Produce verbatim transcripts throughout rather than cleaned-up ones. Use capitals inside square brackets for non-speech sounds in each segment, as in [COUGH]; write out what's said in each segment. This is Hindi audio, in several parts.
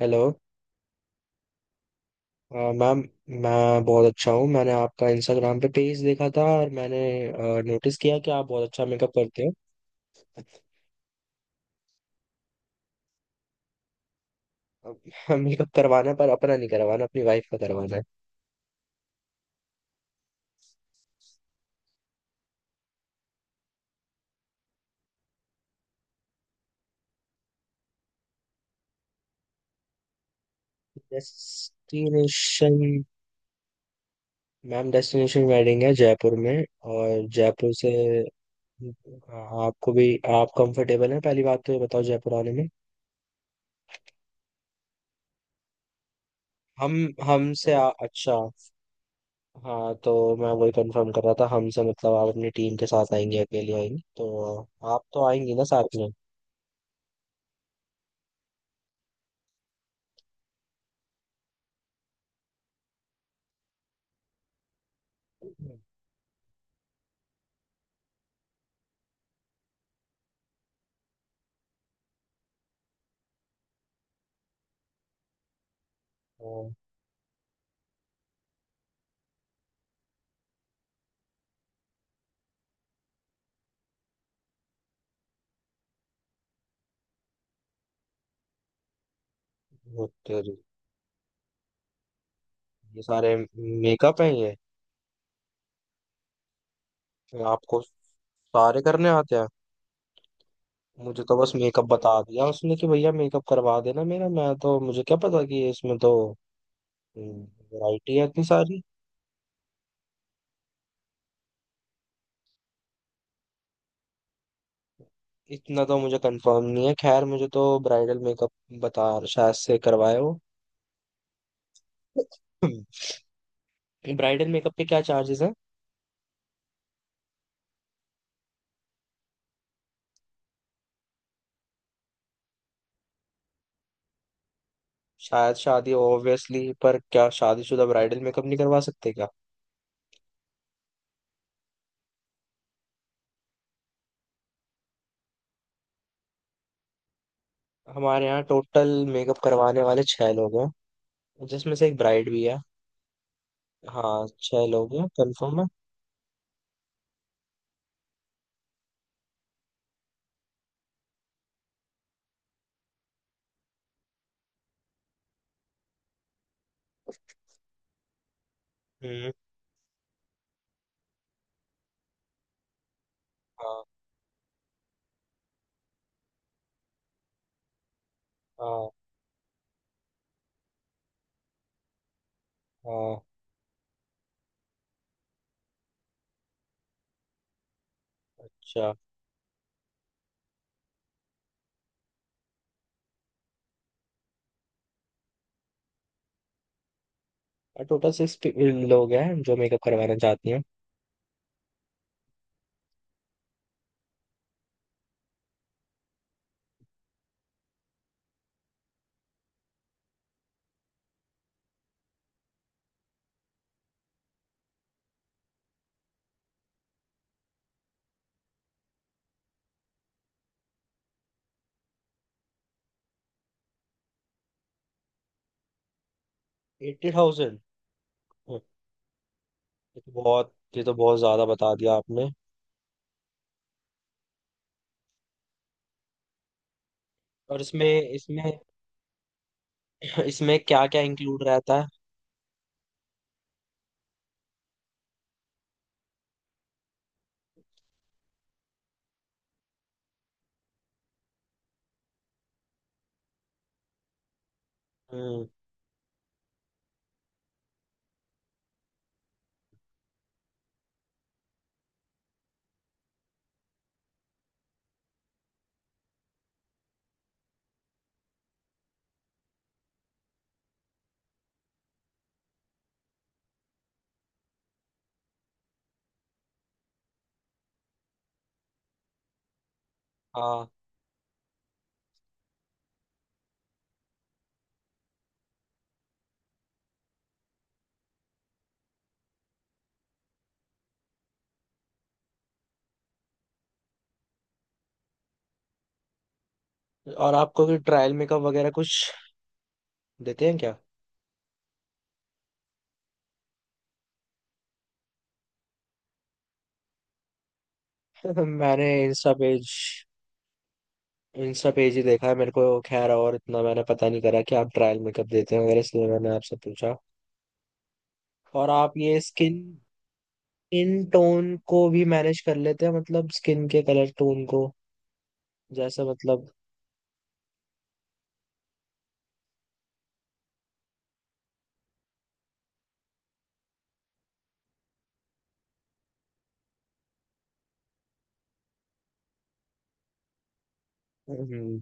हेलो। अ, मैम, मैं बहुत अच्छा हूँ। मैंने आपका इंस्टाग्राम पे पेज देखा था और मैंने नोटिस किया कि आप बहुत अच्छा मेकअप करते हो। मेकअप [LAUGHS] करवाना है, पर अपना नहीं करवाना, अपनी वाइफ का करवाना है। डेस्टिनेशन मैम, डेस्टिनेशन वेडिंग है जयपुर में। और जयपुर से आपको भी, आप कंफर्टेबल हैं पहली बात तो ये बताओ, जयपुर आने में? हम हमसे आ, अच्छा, हाँ, तो मैं वही कंफर्म कर रहा था, हमसे मतलब आप अपनी टीम के साथ आएंगे, अकेले आएंगे तो? आप तो आएंगी ना साथ में? ओ, वो तेरी, ये सारे मेकअप हैं ये? आपको सारे करने आते हैं? मुझे तो बस मेकअप बता दिया उसने कि भैया मेकअप करवा देना मेरा, मैं तो, मुझे क्या पता कि इसमें तो वैरायटी है इतनी सारी। इतना तो मुझे कंफर्म नहीं है, खैर मुझे तो ब्राइडल मेकअप बता शायद से करवाए हो। [CLEARS THROAT] ब्राइडल मेकअप [LAUGHS] के क्या चार्जेस हैं? शायद शादी ऑब्वियसली, पर क्या शादीशुदा ब्राइडल मेकअप नहीं करवा सकते क्या? हमारे यहाँ टोटल मेकअप करवाने वाले छह लोग हैं, जिसमें से एक ब्राइड भी है। हाँ, छह लोग हैं, कंफर्म है। हम्म। हाँ, हाँ, हाँ। अच्छा। और टोटल सिक्स लोग हैं जो मेकअप करवाना चाहती हैं। Eighty thousand? ये तो बहुत, ये तो बहुत ज्यादा बता दिया आपने। और इसमें इसमें इसमें क्या क्या इंक्लूड रहता है? हम्म। हाँ। और आपको कोई ट्रायल मेकअप वगैरह कुछ देते हैं क्या? [LAUGHS] मैंने इंस्टा पेज इंस्टा पेज ही देखा है मेरे को। खैर, और इतना मैंने पता नहीं करा कि आप ट्रायल मेकअप देते हैं वगैरह, इसलिए मैंने आपसे पूछा। और आप ये स्किन इन टोन को भी मैनेज कर लेते हैं, मतलब स्किन के कलर टोन को? जैसे मतलब। हम्म।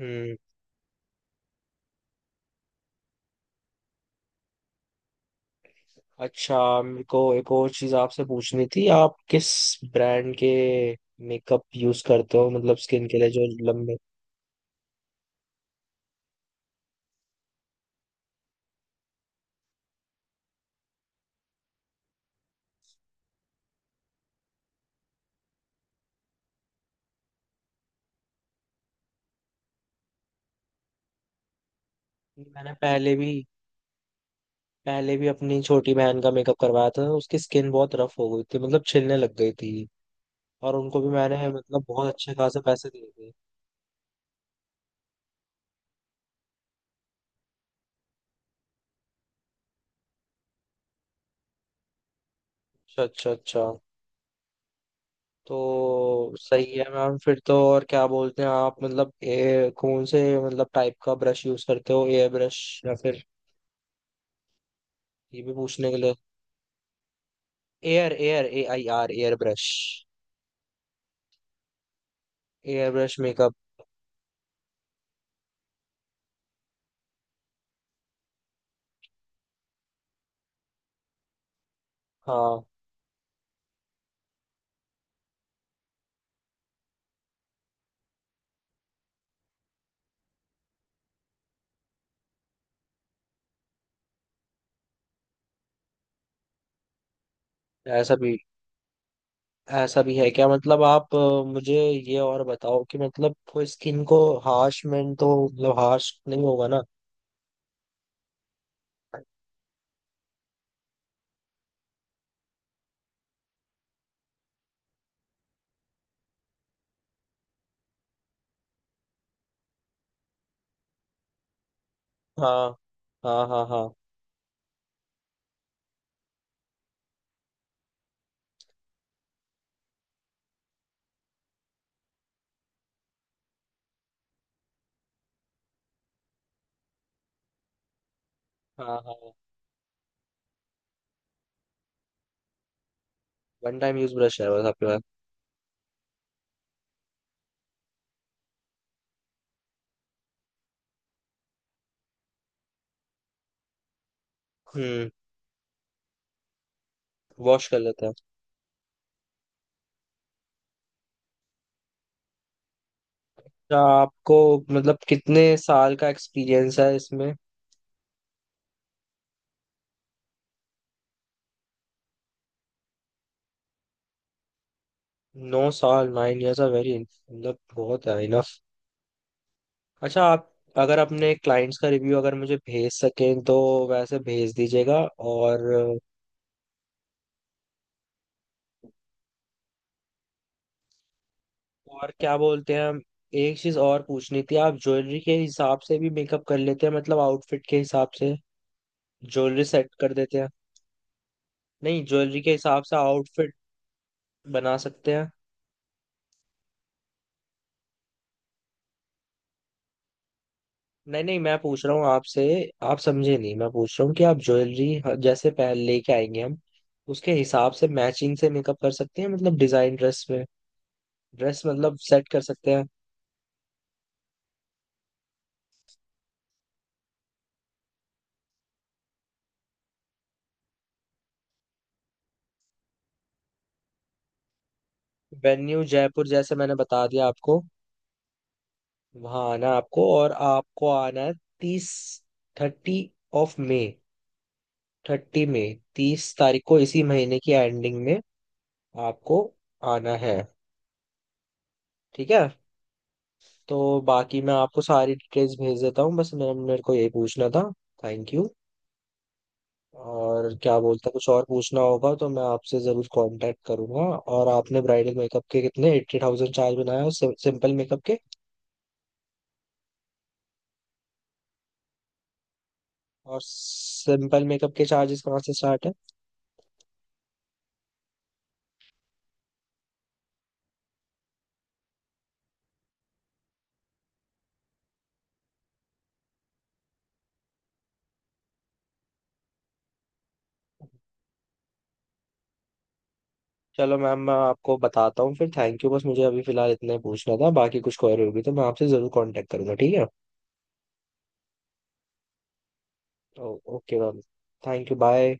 हम्म। अच्छा। मेरे को एक और चीज आपसे पूछनी थी, आप किस ब्रांड के मेकअप यूज करते हो, मतलब स्किन के लिए जो लंबे। मैंने पहले भी पहले भी अपनी छोटी बहन का मेकअप करवाया था, उसकी स्किन बहुत रफ हो गई थी, मतलब छिलने लग गई थी। और उनको भी मैंने मतलब बहुत अच्छे खासे पैसे दिए थे। अच्छा, अच्छा, अच्छा। तो सही है मैम, फिर तो और क्या बोलते हैं आप, मतलब ए, कौन से मतलब टाइप का ब्रश यूज करते हो, एयर ब्रश या फिर? ये भी पूछने के लिए air air A I R, air brush. Air brush makeup. हाँ। ऐसा भी ऐसा भी है क्या, मतलब आप अ, मुझे ये और बताओ कि मतलब वो स्किन को हार्शमेंट तो, मतलब हार्श नहीं होगा ना? हाँ, हाँ, हाँ, हाँ, हाँ, हाँ। वन टाइम यूज ब्रश है बस आपके पास? हम्म। वॉश कर लेते हैं। अच्छा, आपको मतलब कितने साल का एक्सपीरियंस है इसमें? नौ साल, नाइन इयर्स आर वेरी, मतलब बहुत है, इनफ। अच्छा, आप अगर अपने क्लाइंट्स का रिव्यू अगर मुझे भेज सकें तो वैसे भेज दीजिएगा। और और क्या बोलते हैं, हम एक चीज और पूछनी थी, आप ज्वेलरी के हिसाब से भी मेकअप कर लेते हैं, मतलब आउटफिट के हिसाब से ज्वेलरी सेट कर देते हैं? नहीं, ज्वेलरी के हिसाब से आउटफिट बना सकते हैं? नहीं नहीं, मैं पूछ रहा हूँ आपसे, आप समझे नहीं, मैं पूछ रहा हूँ कि आप ज्वेलरी जैसे पहन लेके आएंगे, हम उसके हिसाब से मैचिंग से मेकअप कर सकते हैं, मतलब डिजाइन ड्रेस में ड्रेस मतलब सेट कर सकते हैं? वेन्यू जयपुर, जैसे मैंने बता दिया आपको, वहां आना है आपको, और आपको आना है तीस, thirty of May, thirty May, तीस तारीख को, इसी महीने की एंडिंग में आपको आना है। ठीक है, तो बाकी मैं आपको सारी डिटेल्स भेज देता हूँ, बस मेरे मेरे को यही पूछना था। Thank you. और क्या बोलता, कुछ और पूछना होगा तो मैं आपसे ज़रूर कांटेक्ट करूंगा। और आपने ब्राइडल मेकअप के कितने एट्टी थाउजेंड चार्ज बनाया, और सिंपल मेकअप के, और सिंपल मेकअप के चार्जेस कहाँ से स्टार्ट है? चलो मैम, मैं आपको बताता हूँ फिर। Thank you. बस मुझे अभी फिलहाल इतना ही पूछना था, बाकी कुछ क्वेरी होगी तो मैं आपसे जरूर कांटेक्ट करूंगा, ठीक है? ओ- okay ma'am, thank you, bye.